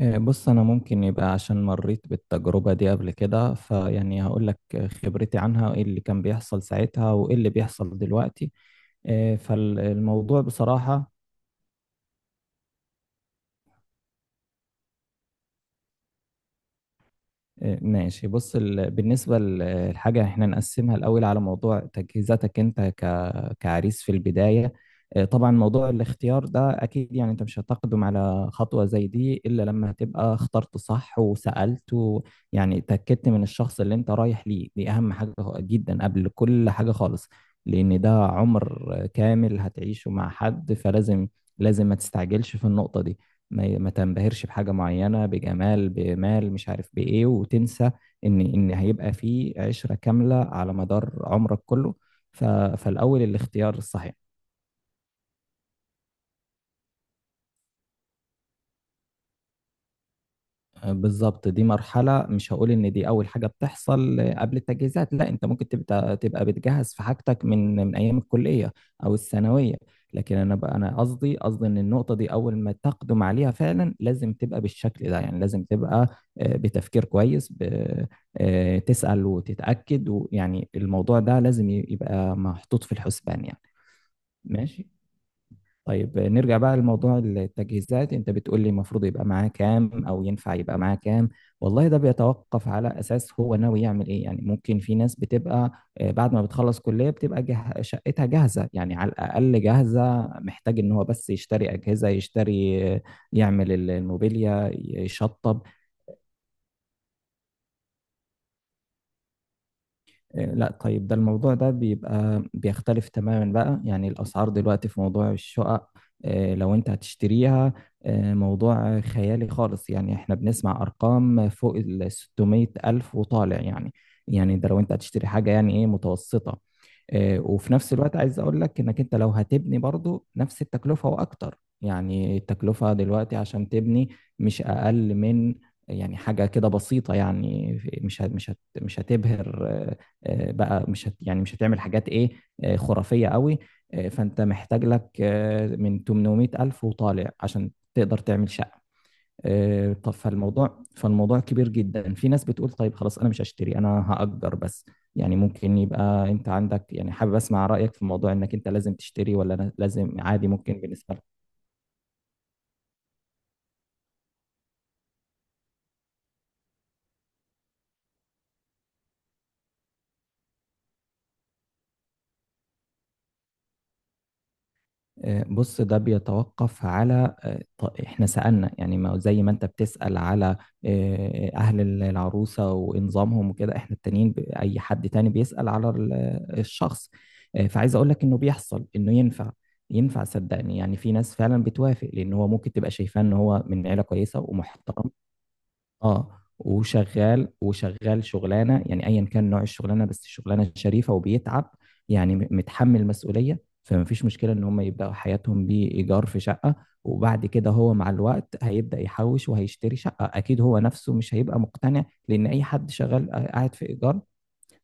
بص، أنا ممكن يبقى عشان مريت بالتجربة دي قبل كده، فيعني هقول لك خبرتي عنها وإيه اللي كان بيحصل ساعتها وإيه اللي بيحصل دلوقتي. فالموضوع بصراحة. ماشي. بص، بالنسبة للحاجة، احنا نقسمها الأول على موضوع تجهيزاتك أنت كعريس في البداية. طبعا موضوع الاختيار ده أكيد، يعني أنت مش هتقدم على خطوة زي دي إلا لما تبقى اخترت صح وسألت. يعني اتأكدت من الشخص اللي أنت رايح ليه، دي أهم حاجة جدا قبل كل حاجة خالص. لأن ده عمر كامل هتعيشه مع حد، فلازم ما تستعجلش في النقطة دي. ما تنبهرش بحاجة معينة، بجمال بمال مش عارف بإيه، وتنسى إن هيبقى في عشرة كاملة على مدار عمرك كله. ف- فالأول الاختيار الصحيح. بالظبط. دي مرحلة، مش هقول إن دي أول حاجة بتحصل قبل التجهيزات، لا أنت ممكن تبقى بتجهز في حاجتك من أيام الكلية أو الثانوية. لكن أنا قصدي إن النقطة دي أول ما تقدم عليها فعلا لازم تبقى بالشكل ده، يعني لازم تبقى بتفكير كويس، تسأل وتتأكد، ويعني الموضوع ده لازم يبقى محطوط في الحسبان يعني. ماشي. طيب، نرجع بقى لموضوع التجهيزات، انت بتقول لي المفروض يبقى معاه كام، او ينفع يبقى معاه كام؟ والله ده بيتوقف على اساس هو ناوي يعمل ايه. يعني ممكن في ناس بتبقى بعد ما بتخلص كلية بتبقى شقتها جاهزة، يعني على الاقل جاهزة، محتاج ان هو بس يشتري اجهزة، يشتري يعمل الموبيليا، يشطب. لا. طيب ده الموضوع ده بيبقى بيختلف تماما بقى، يعني الأسعار دلوقتي في موضوع الشقق. لو انت هتشتريها، موضوع خيالي خالص. يعني احنا بنسمع أرقام فوق ال 600 ألف وطالع، يعني. يعني ده لو انت هتشتري حاجة يعني ايه، متوسطة. وفي نفس الوقت عايز اقول لك انك انت لو هتبني برضو نفس التكلفة واكتر. يعني التكلفة دلوقتي عشان تبني مش اقل من، يعني حاجة كده بسيطة. يعني مش هتبهر بقى، مش هت يعني مش هتعمل حاجات ايه، خرافية قوي. فانت محتاج لك من 800 ألف وطالع عشان تقدر تعمل شقة. طب فالموضوع، كبير جدا. في ناس بتقول طيب خلاص انا مش هشتري، انا هأجر بس. يعني ممكن يبقى انت عندك، يعني حابب اسمع رأيك في موضوع انك انت لازم تشتري ولا أنا لازم عادي ممكن بالنسبة لك. بص ده بيتوقف على احنا سألنا، يعني ما زي ما انت بتسأل على اهل العروسة وانظامهم وكده، احنا التانيين اي حد تاني بيسأل على الشخص. فعايز اقول لك انه بيحصل، انه ينفع. ينفع صدقني، يعني في ناس فعلا بتوافق لان هو ممكن تبقى شايفاه ان هو من عيلة كويسة ومحترم. اه، وشغال شغلانه، يعني ايا كان نوع الشغلانه، بس شغلانه شريفه وبيتعب. يعني متحمل مسؤوليه، فما فيش مشكله ان هم يبداوا حياتهم بايجار في شقه. وبعد كده هو مع الوقت هيبدا يحوش وهيشتري شقه اكيد، هو نفسه مش هيبقى مقتنع لان اي حد شغال قاعد في ايجار.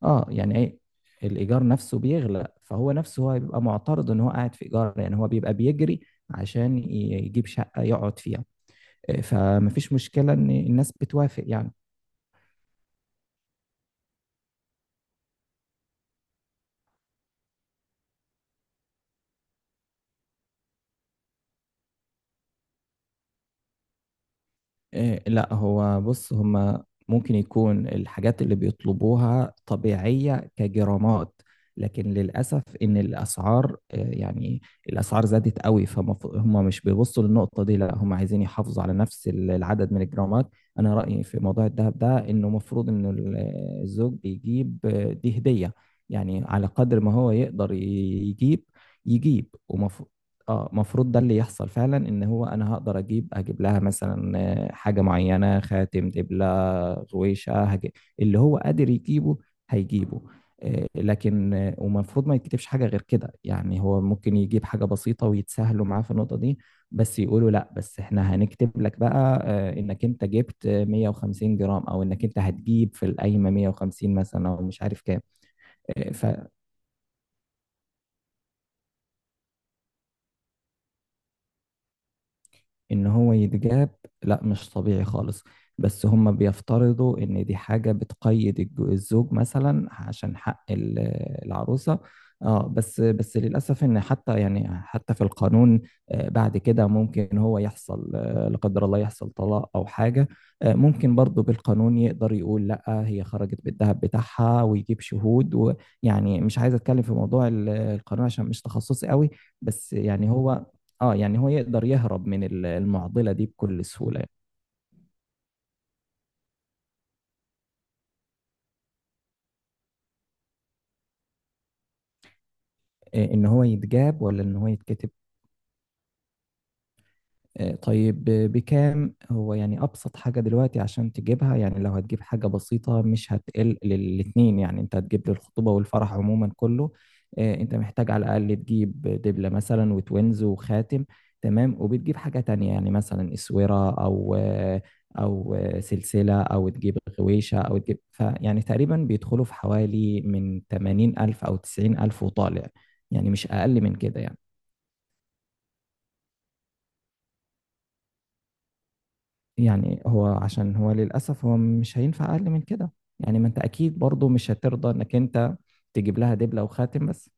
اه يعني ايه، الايجار نفسه بيغلى، فهو نفسه هيبقى معترض ان هو قاعد في ايجار، يعني هو بيبقى بيجري عشان يجيب شقه يقعد فيها. فمفيش مشكلة إن الناس بتوافق يعني. لا، هو بص، هما ممكن يكون الحاجات اللي بيطلبوها طبيعية كجرامات، لكن للأسف إن الأسعار يعني الأسعار زادت قوي، فهم مش بيبصوا للنقطة دي، لا هم عايزين يحافظوا على نفس العدد من الجرامات. أنا رأيي في موضوع الذهب ده إنه مفروض إن الزوج بيجيب دي هدية، يعني على قدر ما هو يقدر يجيب يجيب. اه، المفروض ده اللي يحصل فعلا، ان هو انا هقدر اجيب لها مثلا حاجه معينه، خاتم، دبله، غويشه هجيب. اللي هو قادر يجيبه هيجيبه. لكن ومفروض ما يتكتبش حاجه غير كده، يعني هو ممكن يجيب حاجه بسيطه ويتسهلوا معاه في النقطه دي. بس يقولوا لا، بس احنا هنكتب لك بقى انك انت جبت 150 جرام، او انك انت هتجيب في القايمه 150 مثلا، او مش عارف كام. آه، ف- ان هو يتجاب. لا مش طبيعي خالص، بس هم بيفترضوا ان دي حاجة بتقيد الزوج مثلا عشان حق العروسة. اه، بس للاسف ان حتى، يعني حتى في القانون، بعد كده ممكن هو يحصل، لا قدر الله، يحصل طلاق او حاجة. ممكن برضه بالقانون يقدر يقول لا، هي خرجت بالذهب بتاعها ويجيب شهود، ويعني مش عايز اتكلم في موضوع القانون عشان مش تخصصي قوي. بس يعني هو، اه يعني هو يقدر يهرب من المعضلة دي بكل سهولة. ان هو يتجاب ولا ان هو يتكتب؟ طيب بكام هو؟ يعني أبسط حاجة دلوقتي عشان تجيبها، يعني لو هتجيب حاجة بسيطة مش هتقل للاتنين، يعني أنت هتجيب للخطوبة والفرح عموما كله. أنت محتاج على الأقل تجيب دبلة مثلا وتوينز وخاتم، تمام، وبتجيب حاجة تانية، يعني مثلا إسورة أو سلسلة، أو تجيب غويشة، أو تجيب، فيعني تقريبا بيدخلوا في حوالي من 80000 أو 90000 وطالع، يعني مش أقل من كده يعني هو، عشان هو للأسف هو مش هينفع أقل من كده، يعني ما أنت أكيد برضو مش هترضى إنك أنت تجيب لها دبلة وخاتم بس.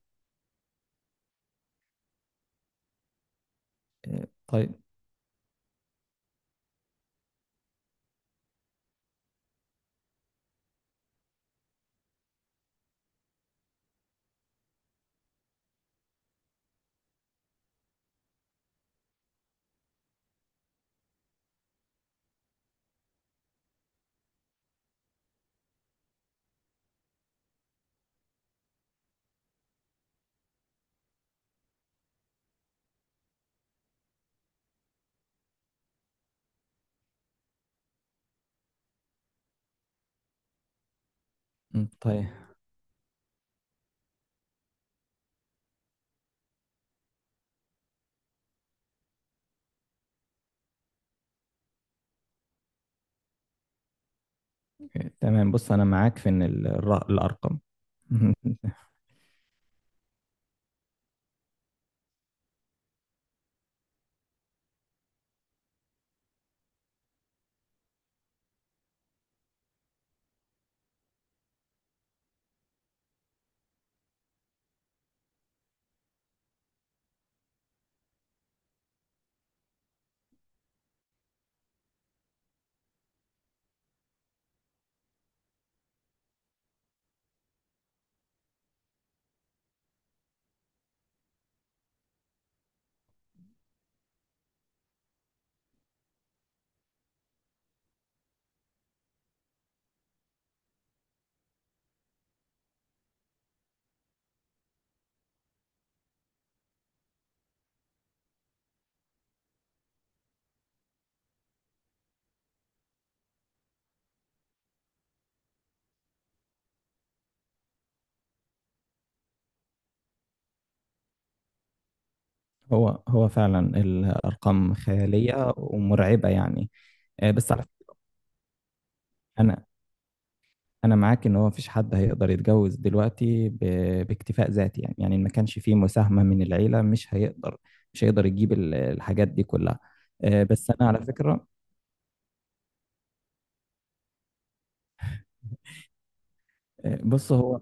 طيب. طيب. تمام. بص أنا معاك في إن الأرقام. هو فعلا الأرقام خيالية ومرعبة يعني. بس على فكرة، أنا أنا معاك إن هو مفيش حد هيقدر يتجوز دلوقتي باكتفاء ذاتي، يعني إن ما كانش فيه مساهمة من العيلة مش هيقدر، مش هيقدر يجيب الحاجات دي كلها. بس أنا على فكرة، بص هو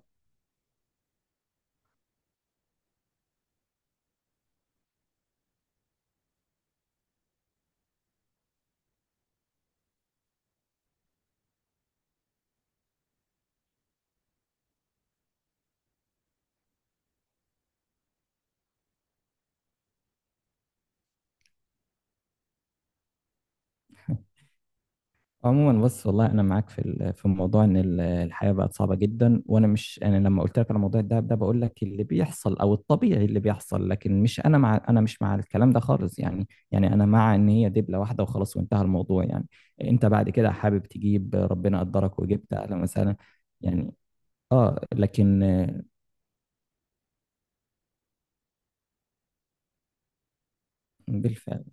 عموما. بص والله انا معاك في في موضوع ان الحياه بقت صعبه جدا، وانا مش، انا لما قلت لك على موضوع الدهب ده بقول لك اللي بيحصل او الطبيعي اللي بيحصل، لكن مش، انا مع، انا مش مع الكلام ده خالص، يعني انا مع ان هي دبله واحده وخلاص وانتهى الموضوع يعني. انت بعد كده حابب تجيب، ربنا قدرك وجبت، اهلا وسهلا، يعني. اه لكن بالفعل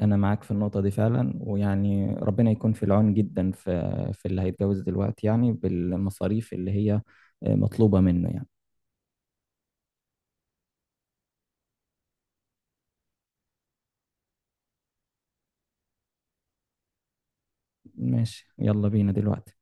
أنا معاك في النقطة دي فعلا، ويعني ربنا يكون في العون جدا في في اللي هيتجوز دلوقتي، يعني بالمصاريف اللي هي مطلوبة منه يعني. ماشي، يلا بينا دلوقتي.